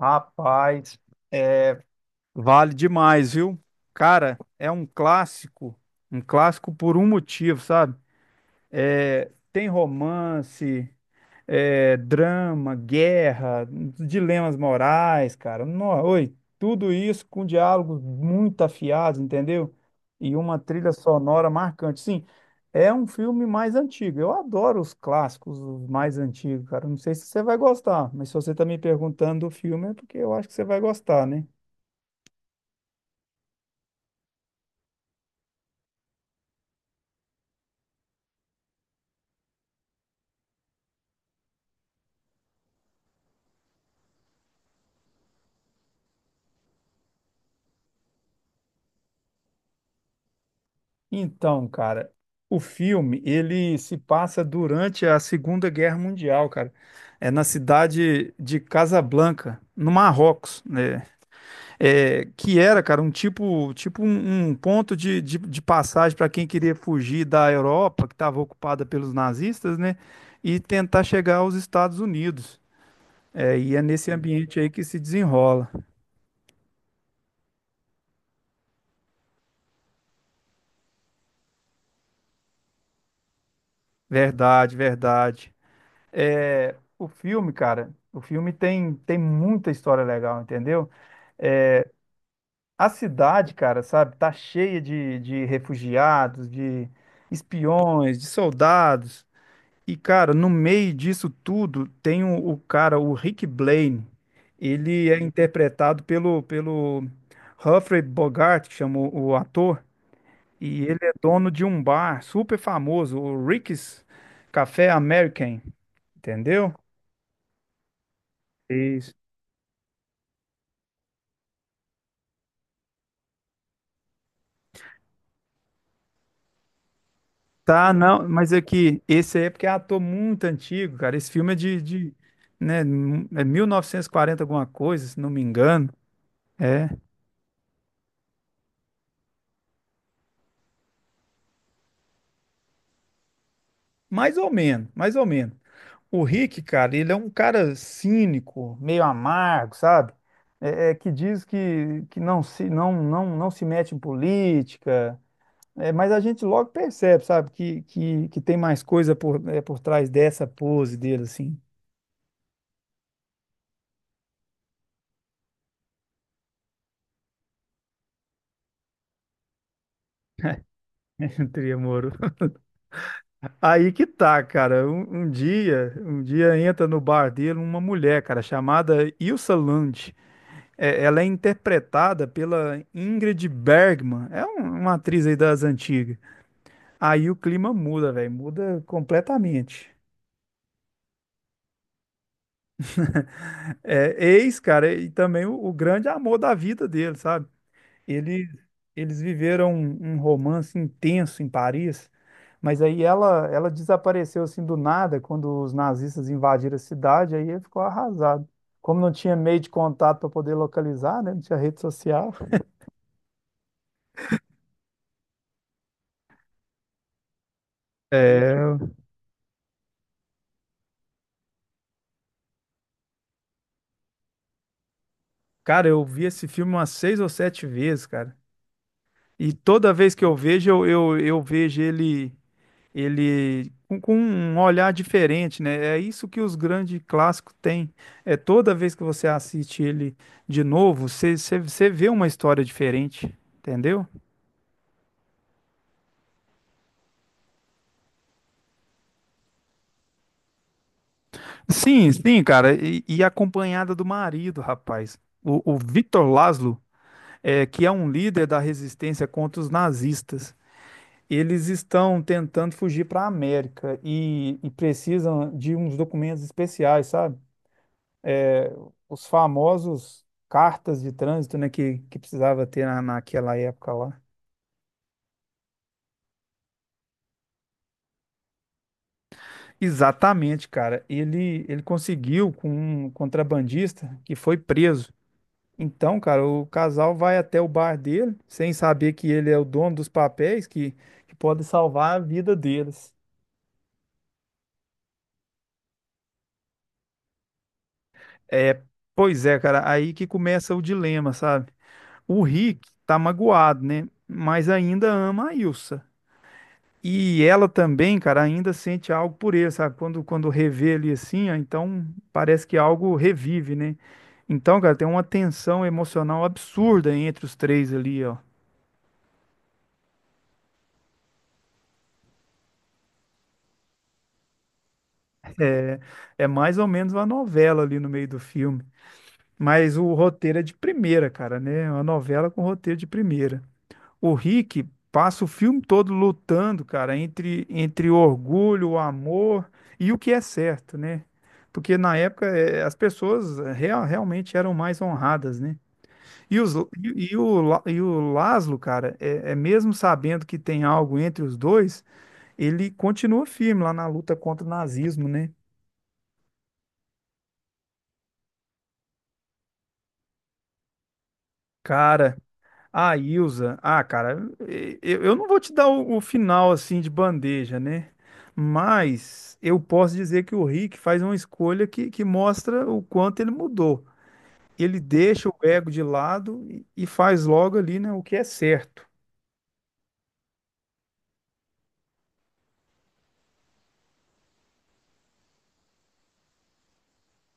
Rapaz, vale demais, viu? Cara, é um clássico por um motivo, sabe? É, tem romance, é, drama, guerra, dilemas morais, cara. Tudo isso com diálogos muito afiados, entendeu? E uma trilha sonora marcante. Sim, é um filme mais antigo. Eu adoro os clássicos, os mais antigos, cara. Não sei se você vai gostar, mas se você tá me perguntando do filme é porque eu acho que você vai gostar, né? Então, cara, o filme ele se passa durante a Segunda Guerra Mundial, cara. É na cidade de Casablanca, no Marrocos, né? É, que era, cara, um tipo, tipo um, um ponto de passagem para quem queria fugir da Europa, que estava ocupada pelos nazistas, né? E tentar chegar aos Estados Unidos. É, e é nesse ambiente aí que se desenrola. Verdade, verdade. É, o filme, cara, o filme tem muita história legal, entendeu? A cidade, cara, sabe, tá cheia de refugiados, de espiões, de soldados. E, cara, no meio disso tudo tem o cara, o Rick Blaine. Ele é interpretado pelo Humphrey Bogart, que chama o ator. E ele é dono de um bar super famoso, o Rick's Café American, entendeu? Isso. Tá, não, mas é que esse aí é porque é ator muito antigo, cara. Esse filme é né, é 1940 alguma coisa, se não me engano. É, mais ou menos, mais ou menos. O Rick, cara, ele é um cara cínico, meio amargo, sabe? É, é que diz que, que não se mete em política. É, mas a gente logo percebe, sabe, que tem mais coisa por, é, por trás dessa pose dele, assim, entre amor. Aí que tá, cara. Um, um dia entra no bar dele uma mulher, cara, chamada Ilsa Lund. É, ela é interpretada pela Ingrid Bergman. É uma atriz aí das antigas. Aí o clima muda, velho. Muda completamente. É, ex, cara, e também o grande amor da vida dele, sabe? Eles, eles viveram um, um romance intenso em Paris, mas aí ela desapareceu assim do nada quando os nazistas invadiram a cidade, aí ele ficou arrasado. Como não tinha meio de contato para poder localizar, né? Não tinha rede social. É, cara, eu vi esse filme umas seis ou sete vezes, cara. E toda vez que eu vejo, eu vejo ele ele com um olhar diferente, né? É isso que os grandes clássicos têm. É toda vez que você assiste ele de novo, você vê uma história diferente, entendeu? Sim, sim, cara. E acompanhada do marido, rapaz. O Victor Laszlo, é, que é um líder da resistência contra os nazistas. Eles estão tentando fugir para a América e precisam de uns documentos especiais, sabe? É, os famosos cartas de trânsito, né, que precisava ter na, naquela época lá. Exatamente, cara. Ele conseguiu com um contrabandista que foi preso. Então, cara, o casal vai até o bar dele, sem saber que ele é o dono dos papéis que pode salvar a vida deles. É, pois é, cara, aí que começa o dilema, sabe? O Rick tá magoado, né? Mas ainda ama a Ilsa. E ela também, cara, ainda sente algo por ele, sabe? Quando revê ele assim, ó, então parece que algo revive, né? Então, cara, tem uma tensão emocional absurda entre os três ali, ó. É mais ou menos uma novela ali no meio do filme. Mas o roteiro é de primeira, cara, né? Uma novela com roteiro de primeira. O Rick passa o filme todo lutando, cara, entre o orgulho, o amor e o que é certo, né? Porque na época as pessoas realmente eram mais honradas, né? E, os, e, e o Laszlo, cara, é, é mesmo sabendo que tem algo entre os dois, ele continua firme lá na luta contra o nazismo, né? Cara, a Ilza, ah, cara, eu não vou te dar o final assim de bandeja, né? Mas eu posso dizer que o Rick faz uma escolha que mostra o quanto ele mudou. Ele deixa o ego de lado e faz logo ali, né, o que é certo.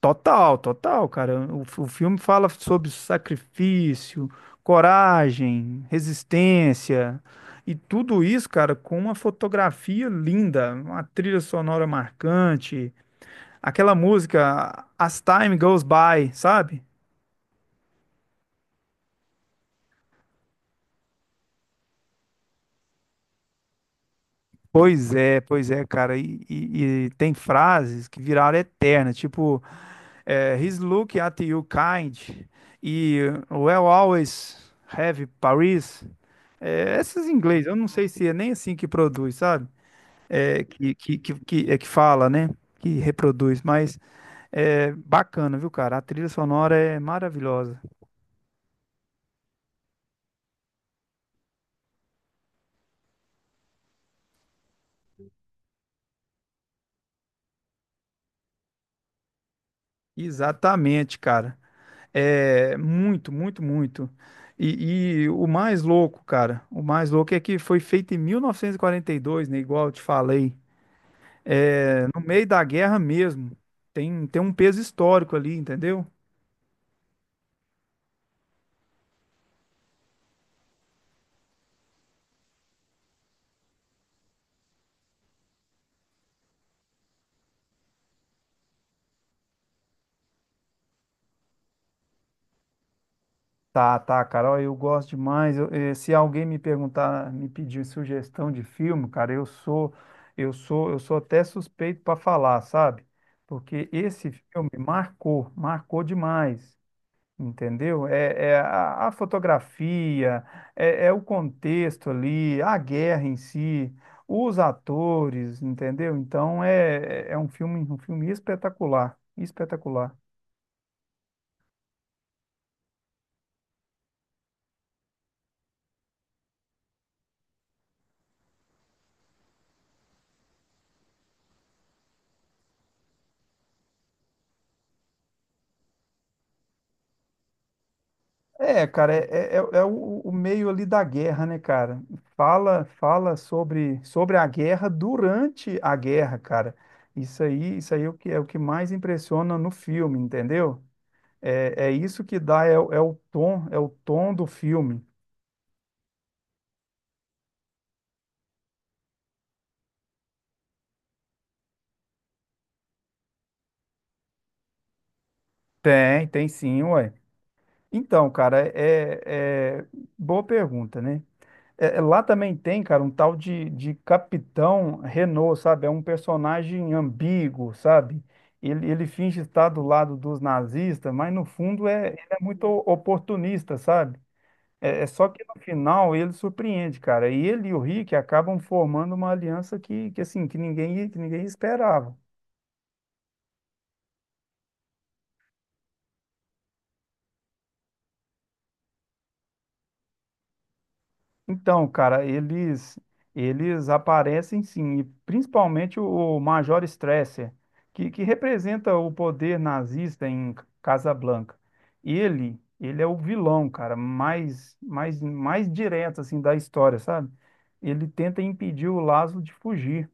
Total, total, cara. O filme fala sobre sacrifício, coragem, resistência e tudo isso, cara, com uma fotografia linda, uma trilha sonora marcante. Aquela música As Time Goes By, sabe? Pois é, cara. E tem frases que viraram eternas, tipo, é, He's looking at you kind e We'll always have Paris. É, essas em inglês, eu não sei se é nem assim que produz, sabe? É, é que fala, né? Que reproduz, mas é bacana, viu, cara? A trilha sonora é maravilhosa. Exatamente, cara. É, muito, muito, muito. E o mais louco, cara, o mais louco é que foi feito em 1942, né? Igual eu te falei. É, no meio da guerra mesmo. Tem, tem um peso histórico ali, entendeu? Tá, tá, cara. Ó, eu gosto demais. Se alguém me perguntar, me pedir sugestão de filme, cara, eu sou até suspeito para falar, sabe? Porque esse filme marcou, marcou demais. Entendeu? É, é a fotografia, é, é o contexto ali, a guerra em si, os atores, entendeu? Então é, é um filme espetacular, espetacular. É, cara, é, é, é o meio ali da guerra, né, cara? Fala, fala sobre, sobre a guerra durante a guerra, cara. Isso aí é o que mais impressiona no filme, entendeu? É, é isso que dá, é, é o tom do filme. Tem, tem sim, ué. Então, cara, boa pergunta, né? É, é, lá também tem, cara, um tal de Capitão Renault, sabe? É um personagem ambíguo, sabe? Ele finge estar do lado dos nazistas, mas no fundo é, ele é muito oportunista, sabe? É, é só que no final ele surpreende, cara. E ele e o Rick acabam formando uma aliança que assim, que ninguém esperava. Então, cara, eles aparecem sim, e principalmente o Major Stresser, que representa o poder nazista em Casablanca. Ele é o vilão, cara, mais direto assim da história, sabe? Ele tenta impedir o Laszlo de fugir.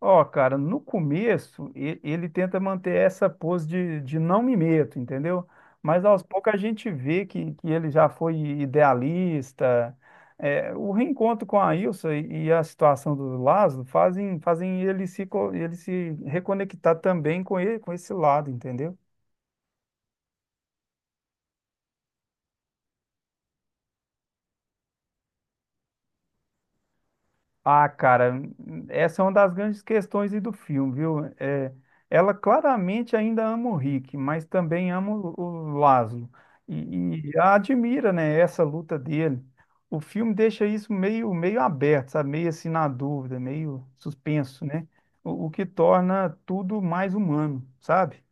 Ó, cara, no começo ele tenta manter essa pose de não me meto, entendeu? Mas aos poucos a gente vê que ele já foi idealista. É, o reencontro com a Ilsa e a situação do Lázaro fazem, fazem ele se, ele se reconectar também com ele, com esse lado, entendeu? Ah, cara, essa é uma das grandes questões aí do filme, viu? É, ela claramente ainda ama o Rick, mas também ama o Lázaro e a admira, né, essa luta dele. O filme deixa isso meio, meio aberto, sabe? Meio assim na dúvida, meio suspenso, né? O que torna tudo mais humano, sabe?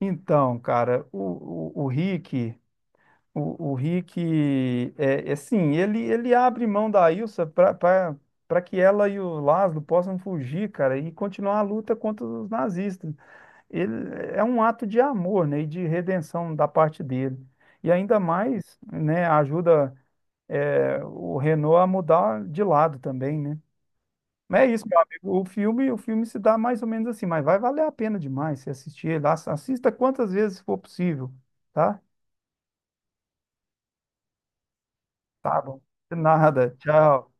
Então, cara, o Rick. O Rick, é, é assim, ele abre mão da Ilsa para para que ela e o Laszlo possam fugir, cara, e continuar a luta contra os nazistas. Ele, é um ato de amor, né, e de redenção da parte dele. E ainda mais, né, ajuda, é, o Renault a mudar de lado também, né? Mas é isso, meu amigo. O filme se dá mais ou menos assim, mas vai valer a pena demais se assistir ele. Assista quantas vezes for possível, tá? Tá bom. De nada. Tchau.